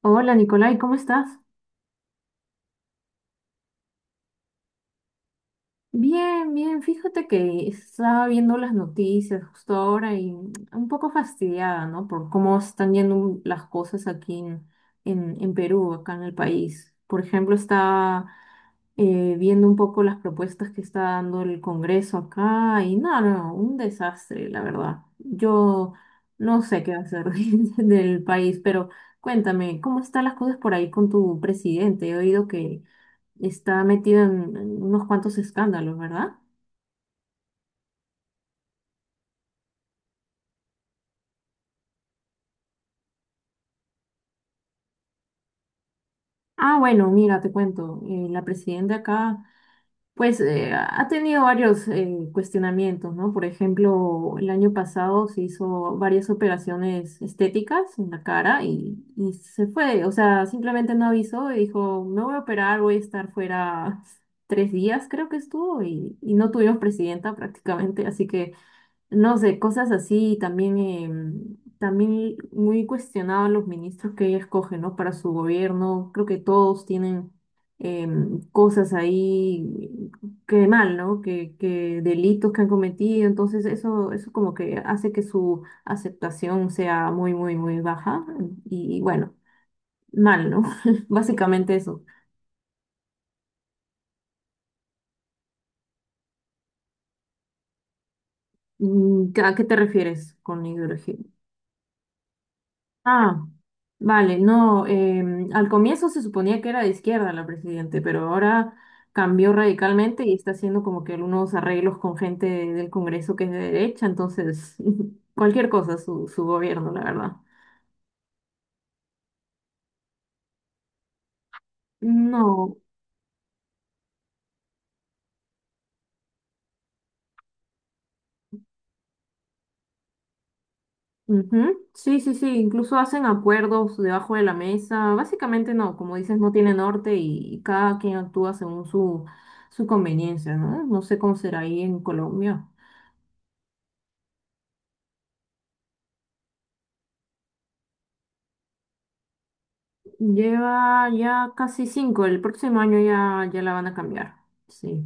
Hola Nicolai, ¿cómo estás? Bien, bien, fíjate que estaba viendo las noticias justo ahora y un poco fastidiada, ¿no? Por cómo están yendo las cosas aquí en Perú, acá en el país. Por ejemplo, estaba viendo un poco las propuestas que está dando el Congreso acá y no, no, un desastre, la verdad. Yo no sé qué hacer del país, pero cuéntame, ¿cómo están las cosas por ahí con tu presidente? He oído que está metido en unos cuantos escándalos, ¿verdad? Ah, bueno, mira, te cuento. La presidenta acá, pues, ha tenido varios cuestionamientos, ¿no? Por ejemplo, el año pasado se hizo varias operaciones estéticas en la cara y se fue. O sea, simplemente no avisó y dijo, me voy a operar, voy a estar fuera 3 días, creo que estuvo, y no tuvimos presidenta prácticamente, así que... No sé, cosas así y también, también muy cuestionados los ministros que ella escoge, ¿no? Para su gobierno. Creo que todos tienen cosas ahí que mal, ¿no? Que delitos que han cometido. Entonces eso como que hace que su aceptación sea muy, muy, muy baja. Y, bueno, mal, ¿no? Básicamente eso. Mm, ¿a qué te refieres con ideología? Ah, vale, no, al comienzo se suponía que era de izquierda la presidente, pero ahora cambió radicalmente y está haciendo como que algunos arreglos con gente del Congreso que es de derecha, entonces cualquier cosa su gobierno, la verdad. No, ujú, sí, sí, sí, incluso hacen acuerdos debajo de la mesa, básicamente no, como dices, no tiene norte y cada quien actúa según su, su conveniencia, ¿no? No sé cómo será ahí en Colombia. Lleva ya casi 5, el próximo año ya, ya la van a cambiar. Sí,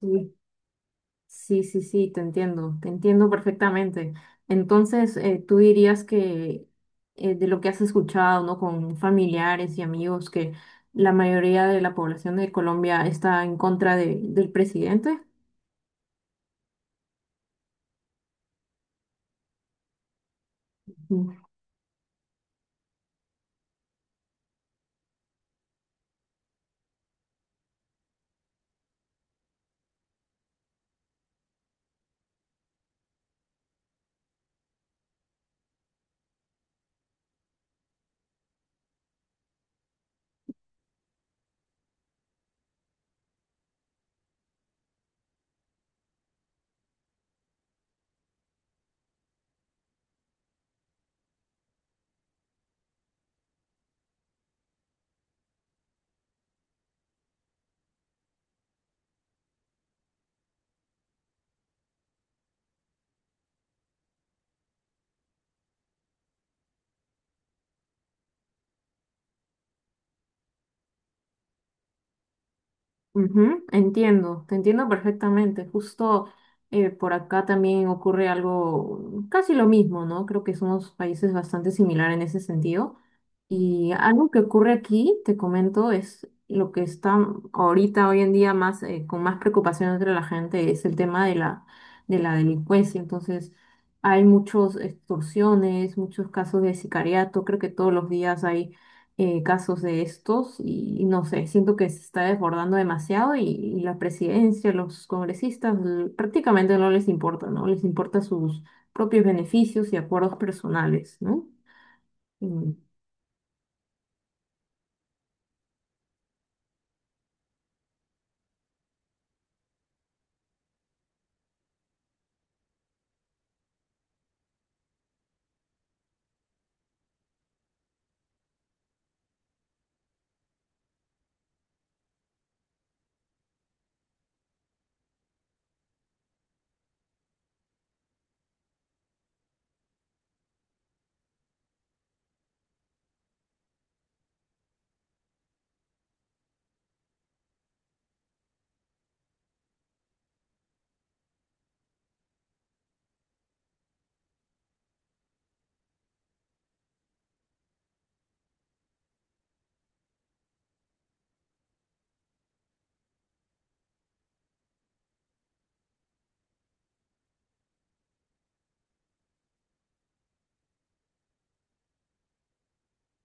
sí, sí, sí, sí, te entiendo perfectamente. Entonces, tú dirías que de lo que has escuchado, ¿no? Con familiares y amigos, que la mayoría de la población de Colombia está en contra de- del presidente. Ujú, entiendo, te entiendo perfectamente. Justo por acá también ocurre algo casi lo mismo, ¿no? Creo que somos países bastante similares en ese sentido. Y algo que ocurre aquí, te comento, es lo que está ahorita, hoy en día, más, con más preocupación entre la gente, es el tema de la delincuencia. Entonces, hay muchas extorsiones, muchos casos de sicariato, creo que todos los días hay casos de estos y, no sé, siento que se está desbordando demasiado y la presidencia, los congresistas, l- prácticamente no les importa, ¿no? Les importa sus propios beneficios y acuerdos personales, ¿no? Mm.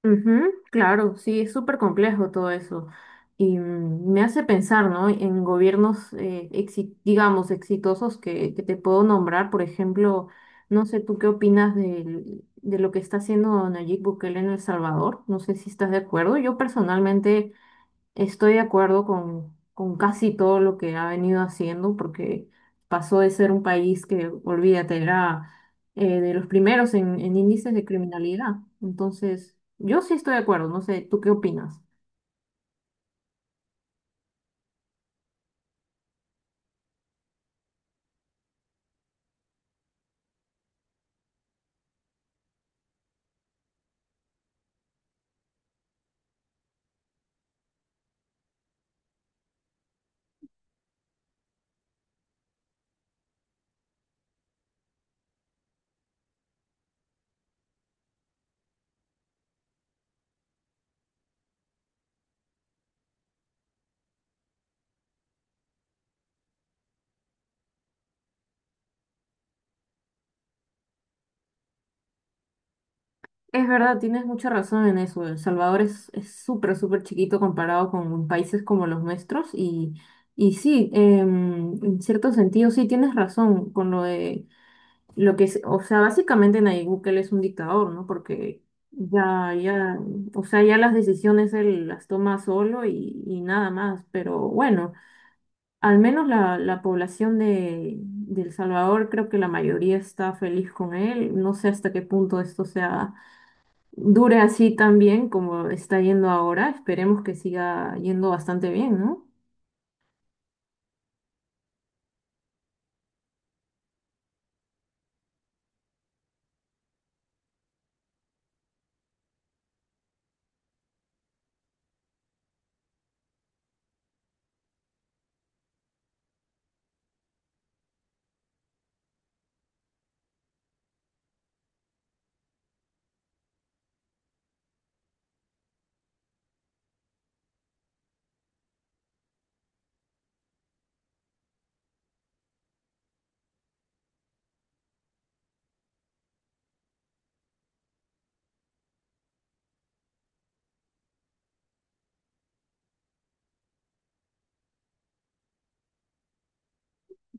Ujú, claro, sí, es súper complejo todo eso. Y mm, me hace pensar, ¿no? En gobiernos, exi- digamos, exitosos que te puedo nombrar. Por ejemplo, no sé tú qué opinas del- de, lo que está haciendo Nayib Bukele en El Salvador. No sé si estás de acuerdo. Yo personalmente estoy de acuerdo con casi todo lo que ha venido haciendo, porque pasó de ser un país que, olvídate, era de los primeros en índices de criminalidad. Entonces, yo sí estoy de acuerdo, no sé, ¿tú qué opinas? Es verdad, tienes mucha razón en eso. El Salvador es súper, súper chiquito comparado con países como los nuestros y sí, en cierto sentido sí tienes razón con lo de lo que es, o sea, básicamente Nayib Bukele es un dictador, ¿no? Porque ya, ya, o sea, ya las decisiones él las toma solo y nada más. Pero bueno, al menos la, la población de El Salvador, creo que la mayoría está feliz con él. No sé hasta qué punto esto sea, dure así tan bien como está yendo ahora. Esperemos que siga yendo bastante bien, ¿no?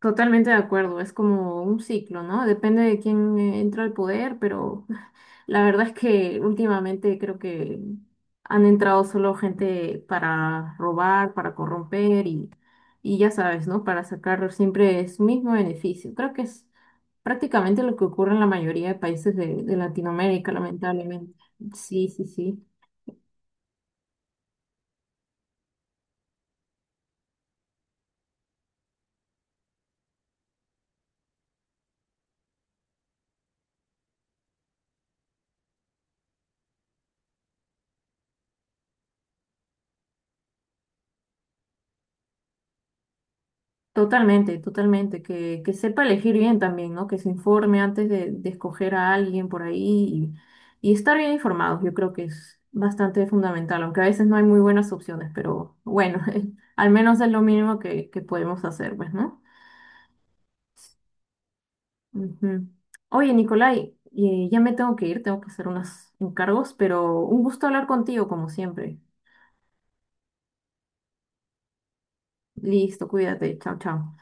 Totalmente de acuerdo, es como un ciclo, ¿no? Depende de quién entra al poder, pero la verdad es que últimamente creo que han entrado solo gente para robar, para corromper y ya sabes, ¿no? Para sacar siempre su mismo beneficio. Creo que es prácticamente lo que ocurre en la mayoría de países de Latinoamérica, lamentablemente. Sí, sí, sí. Totalmente, totalmente, que sepa elegir bien también, ¿no? Que se informe antes de escoger a alguien por ahí y estar bien informados, yo creo que es bastante fundamental, aunque a veces no hay muy buenas opciones, pero bueno, al menos es lo mínimo que podemos hacer, pues, ¿no? Ujú. Oye, Nicolai, ya me tengo que ir, tengo que hacer unos encargos, pero un gusto hablar contigo como siempre. Listo, cuídate, chao, chao.